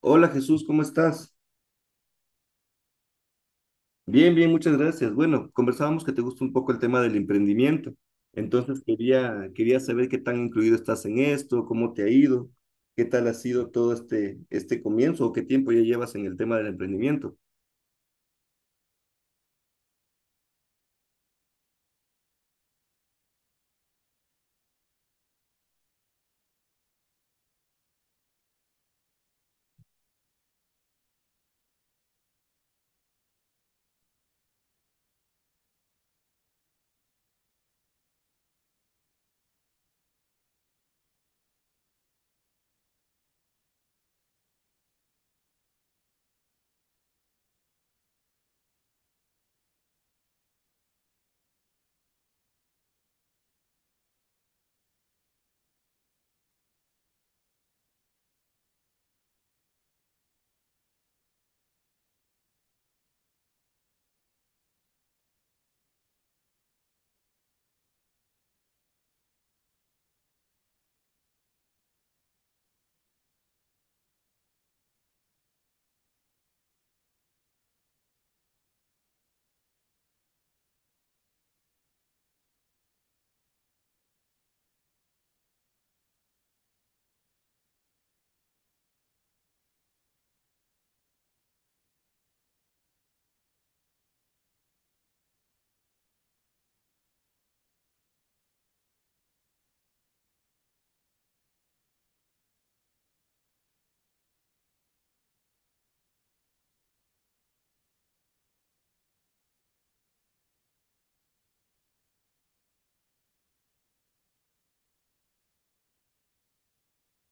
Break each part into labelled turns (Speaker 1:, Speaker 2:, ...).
Speaker 1: Hola Jesús, ¿cómo estás? Bien, bien, muchas gracias. Bueno, conversábamos que te gusta un poco el tema del emprendimiento. Entonces quería saber qué tan incluido estás en esto, cómo te ha ido, qué tal ha sido todo este comienzo o qué tiempo ya llevas en el tema del emprendimiento.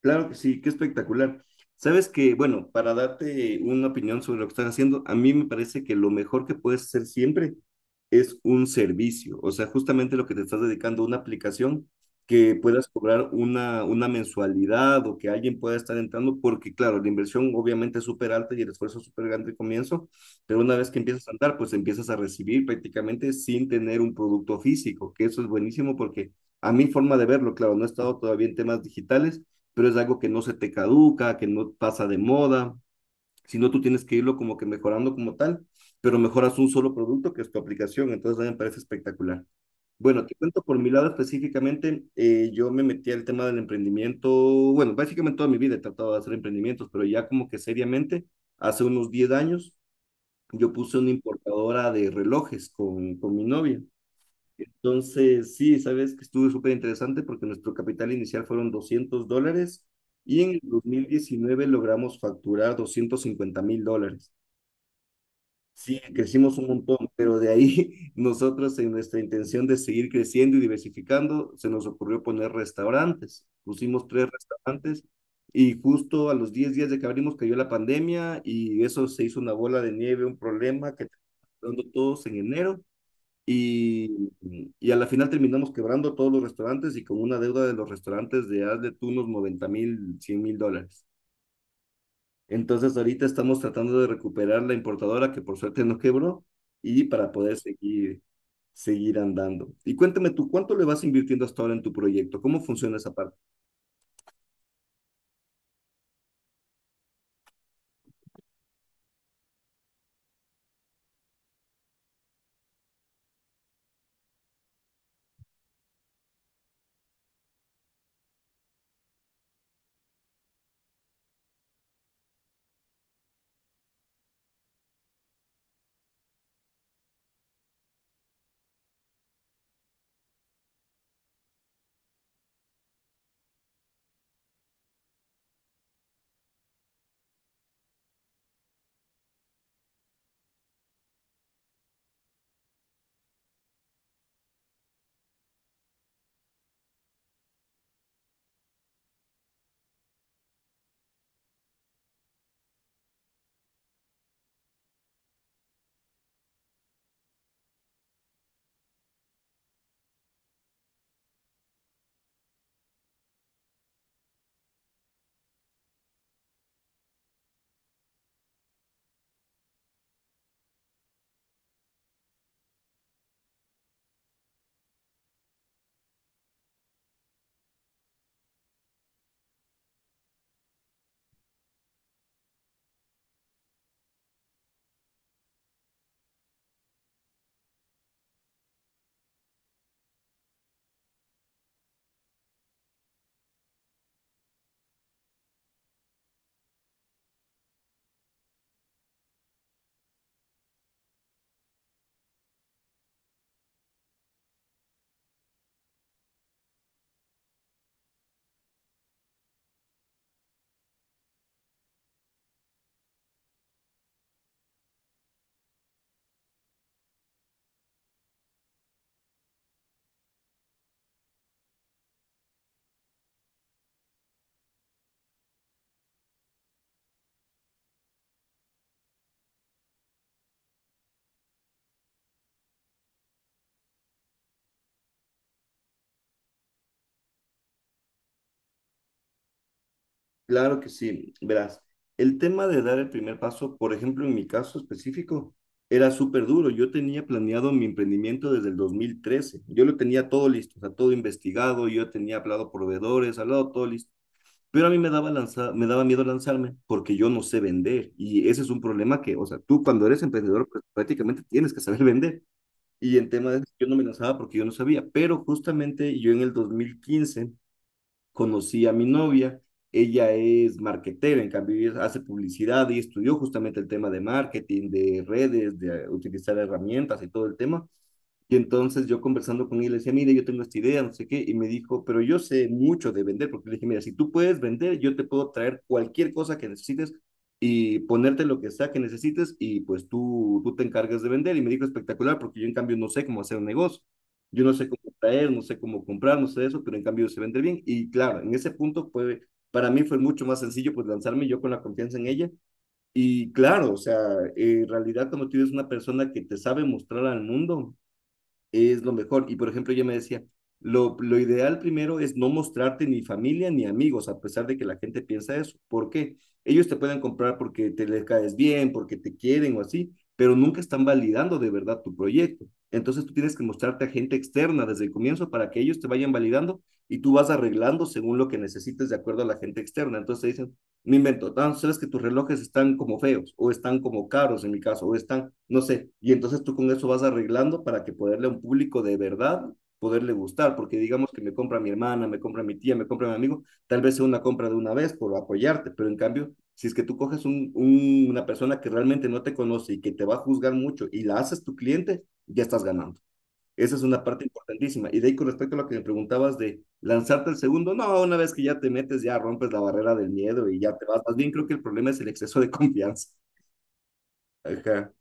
Speaker 1: Claro que sí, qué espectacular. Sabes que, bueno, para darte una opinión sobre lo que estás haciendo, a mí me parece que lo mejor que puedes hacer siempre es un servicio, o sea, justamente lo que te estás dedicando a una aplicación que puedas cobrar una mensualidad o que alguien pueda estar entrando, porque claro, la inversión obviamente es súper alta y el esfuerzo es súper grande al comienzo, pero una vez que empiezas a andar, pues empiezas a recibir prácticamente sin tener un producto físico, que eso es buenísimo porque a mi forma de verlo, claro, no he estado todavía en temas digitales, pero es algo que no se te caduca, que no pasa de moda, sino tú tienes que irlo como que mejorando como tal, pero mejoras un solo producto que es tu aplicación. Entonces a mí me parece espectacular. Bueno, te cuento por mi lado específicamente, yo me metí al tema del emprendimiento, bueno, básicamente toda mi vida he tratado de hacer emprendimientos, pero ya como que seriamente, hace unos 10 años, yo puse una importadora de relojes con mi novia. Entonces, sí, sabes que estuvo súper interesante porque nuestro capital inicial fueron $200 y en el 2019 logramos facturar $250.000. Sí, crecimos un montón, pero de ahí nosotros en nuestra intención de seguir creciendo y diversificando, se nos ocurrió poner restaurantes. Pusimos tres restaurantes y justo a los 10 días de que abrimos cayó la pandemia y eso se hizo una bola de nieve, un problema que terminó todos en enero, y, y a la final terminamos quebrando todos los restaurantes y con una deuda de los restaurantes de hazle tú unos 90.000, $100.000. Entonces ahorita estamos tratando de recuperar la importadora que por suerte no quebró y para poder seguir, seguir andando. Y cuéntame tú, ¿cuánto le vas invirtiendo hasta ahora en tu proyecto? ¿Cómo funciona esa parte? Claro que sí, verás, el tema de dar el primer paso, por ejemplo, en mi caso específico, era súper duro. Yo tenía planeado mi emprendimiento desde el 2013. Yo lo tenía todo listo, o sea, todo investigado, yo tenía hablado proveedores, hablado todo listo. Pero a mí me daba, me daba miedo lanzarme porque yo no sé vender. Y ese es un problema que, o sea, tú cuando eres emprendedor, pues prácticamente tienes que saber vender. Y en tema de yo no me lanzaba porque yo no sabía. Pero justamente yo en el 2015 conocí a mi novia, ella es marketera, en cambio ella hace publicidad y estudió justamente el tema de marketing, de redes, de utilizar herramientas y todo el tema. Y entonces yo conversando con él, le decía, mire, yo tengo esta idea, no sé qué, y me dijo, pero yo sé mucho de vender, porque le dije, mira, si tú puedes vender, yo te puedo traer cualquier cosa que necesites y ponerte lo que sea que necesites y pues tú te encargas de vender. Y me dijo, espectacular, porque yo en cambio no sé cómo hacer un negocio. Yo no sé cómo traer, no sé cómo comprar, no sé eso, pero en cambio se vende bien. Y claro, en ese punto, pues para mí fue mucho más sencillo pues lanzarme yo con la confianza en ella. Y claro, o sea, en realidad como tú eres una persona que te sabe mostrar al mundo, es lo mejor. Y por ejemplo, yo me decía, lo ideal primero es no mostrarte ni familia ni amigos, a pesar de que la gente piensa eso. ¿Por qué? Ellos te pueden comprar porque te les caes bien, porque te quieren o así, pero nunca están validando de verdad tu proyecto. Entonces tú tienes que mostrarte a gente externa desde el comienzo para que ellos te vayan validando y tú vas arreglando según lo que necesites de acuerdo a la gente externa. Entonces te dicen, me invento, tan sabes que tus relojes están como feos o están como caros en mi caso o están, no sé, y entonces tú con eso vas arreglando para que poderle a un público de verdad poderle gustar, porque digamos que me compra mi hermana, me compra mi tía, me compra mi amigo, tal vez sea una compra de una vez por apoyarte, pero en cambio, si es que tú coges una persona que realmente no te conoce y que te va a juzgar mucho y la haces tu cliente, ya estás ganando. Esa es una parte importantísima. Y de ahí con respecto a lo que me preguntabas de lanzarte el segundo, no, una vez que ya te metes, ya rompes la barrera del miedo y ya te vas. Más bien creo que el problema es el exceso de confianza. Ajá.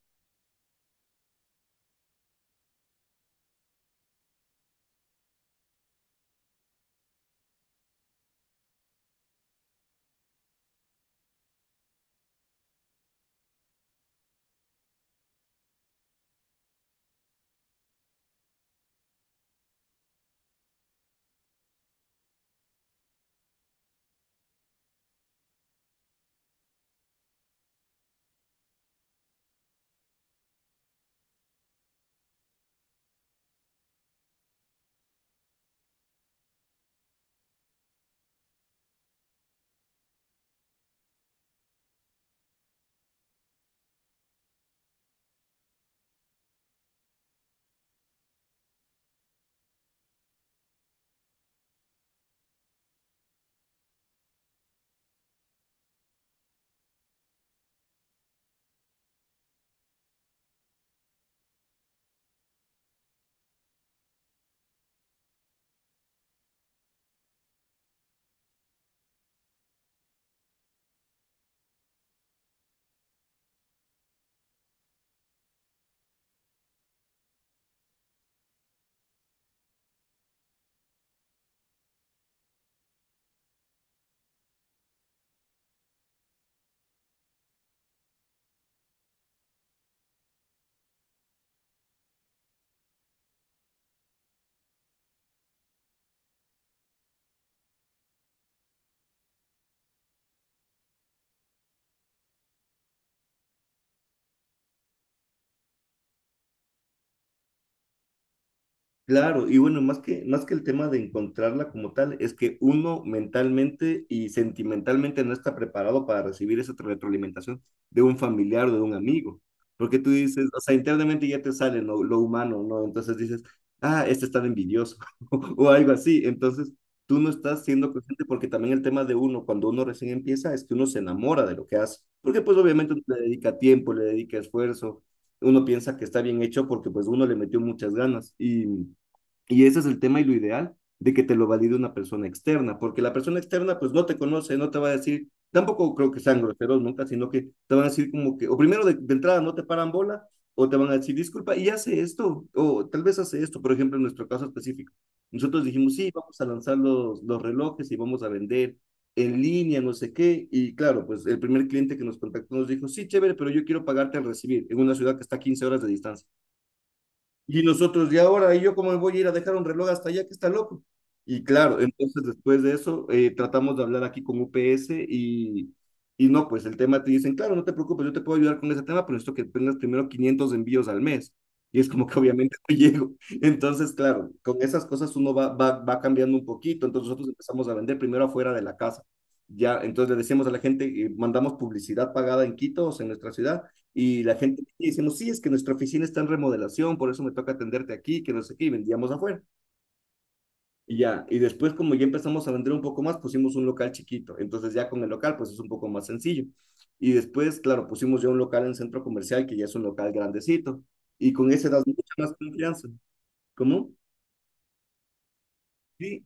Speaker 1: Claro, y bueno, más que el tema de encontrarla como tal, es que uno mentalmente y sentimentalmente no está preparado para recibir esa retroalimentación de un familiar o de un amigo. Porque tú dices, o sea, internamente ya te sale lo humano, ¿no? Entonces dices, ah, este está de envidioso o algo así. Entonces tú no estás siendo consciente porque también el tema de uno, cuando uno recién empieza, es que uno se enamora de lo que hace. Porque pues obviamente uno le dedica tiempo, le dedica esfuerzo, uno piensa que está bien hecho porque pues uno le metió muchas ganas. Y ese es el tema y lo ideal de que te lo valide una persona externa, porque la persona externa pues no te conoce, no te va a decir, tampoco creo que sean groseros nunca, sino que te van a decir como que, o primero de entrada no te paran bola, o te van a decir, disculpa, y hace esto, o tal vez hace esto, por ejemplo, en nuestro caso específico. Nosotros dijimos, sí, vamos a lanzar los relojes y vamos a vender en línea, no sé qué, y claro, pues el primer cliente que nos contactó nos dijo, sí, chévere, pero yo quiero pagarte al recibir, en una ciudad que está a 15 horas de distancia. Y nosotros, ¿y ahora? ¿Y yo cómo me voy a ir a dejar un reloj hasta allá que está loco? Y claro, entonces después de eso, tratamos de hablar aquí con UPS y no, pues el tema te dicen, claro, no te preocupes, yo te puedo ayudar con ese tema, pero esto que tengas primero 500 envíos al mes. Y es como que obviamente no llego. Entonces, claro, con esas cosas uno va, va, va cambiando un poquito. Entonces nosotros empezamos a vender primero afuera de la casa. Ya, entonces le decíamos a la gente, mandamos publicidad pagada en Quito, o sea, en nuestra ciudad, y la gente decimos, sí, es que nuestra oficina está en remodelación, por eso me toca atenderte aquí, que no sé qué, y vendíamos afuera. Y ya, y después como ya empezamos a vender un poco más, pusimos un local chiquito. Entonces ya con el local, pues es un poco más sencillo. Y después, claro, pusimos ya un local en centro comercial, que ya es un local grandecito. Y con ese das mucha más confianza. ¿Cómo? Sí,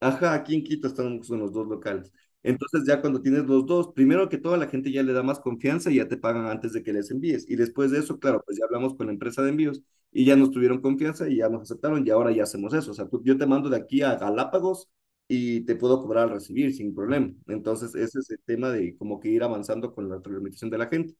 Speaker 1: ajá, aquí en Quito están son los dos locales. Entonces ya cuando tienes los dos, primero que todo la gente ya le da más confianza y ya te pagan antes de que les envíes. Y después de eso, claro, pues ya hablamos con la empresa de envíos y ya nos tuvieron confianza y ya nos aceptaron y ahora ya hacemos eso. O sea, tú- yo te mando de aquí a Galápagos y te puedo cobrar al recibir sin problema. Entonces ese es el tema de como que ir avanzando con la implementación de la gente.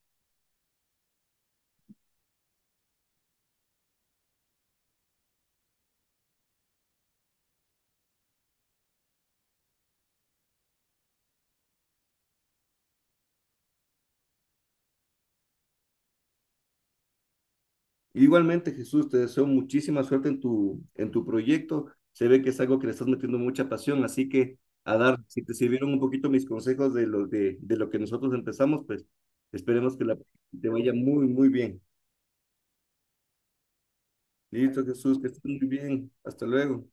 Speaker 1: Igualmente, Jesús, te deseo muchísima suerte en tu proyecto. Se ve que es algo que le estás metiendo mucha pasión, así que a dar, si te sirvieron un poquito mis consejos de lo que nosotros empezamos, pues esperemos que la, te vaya muy, muy bien. Listo, Jesús, que estés muy bien. Hasta luego.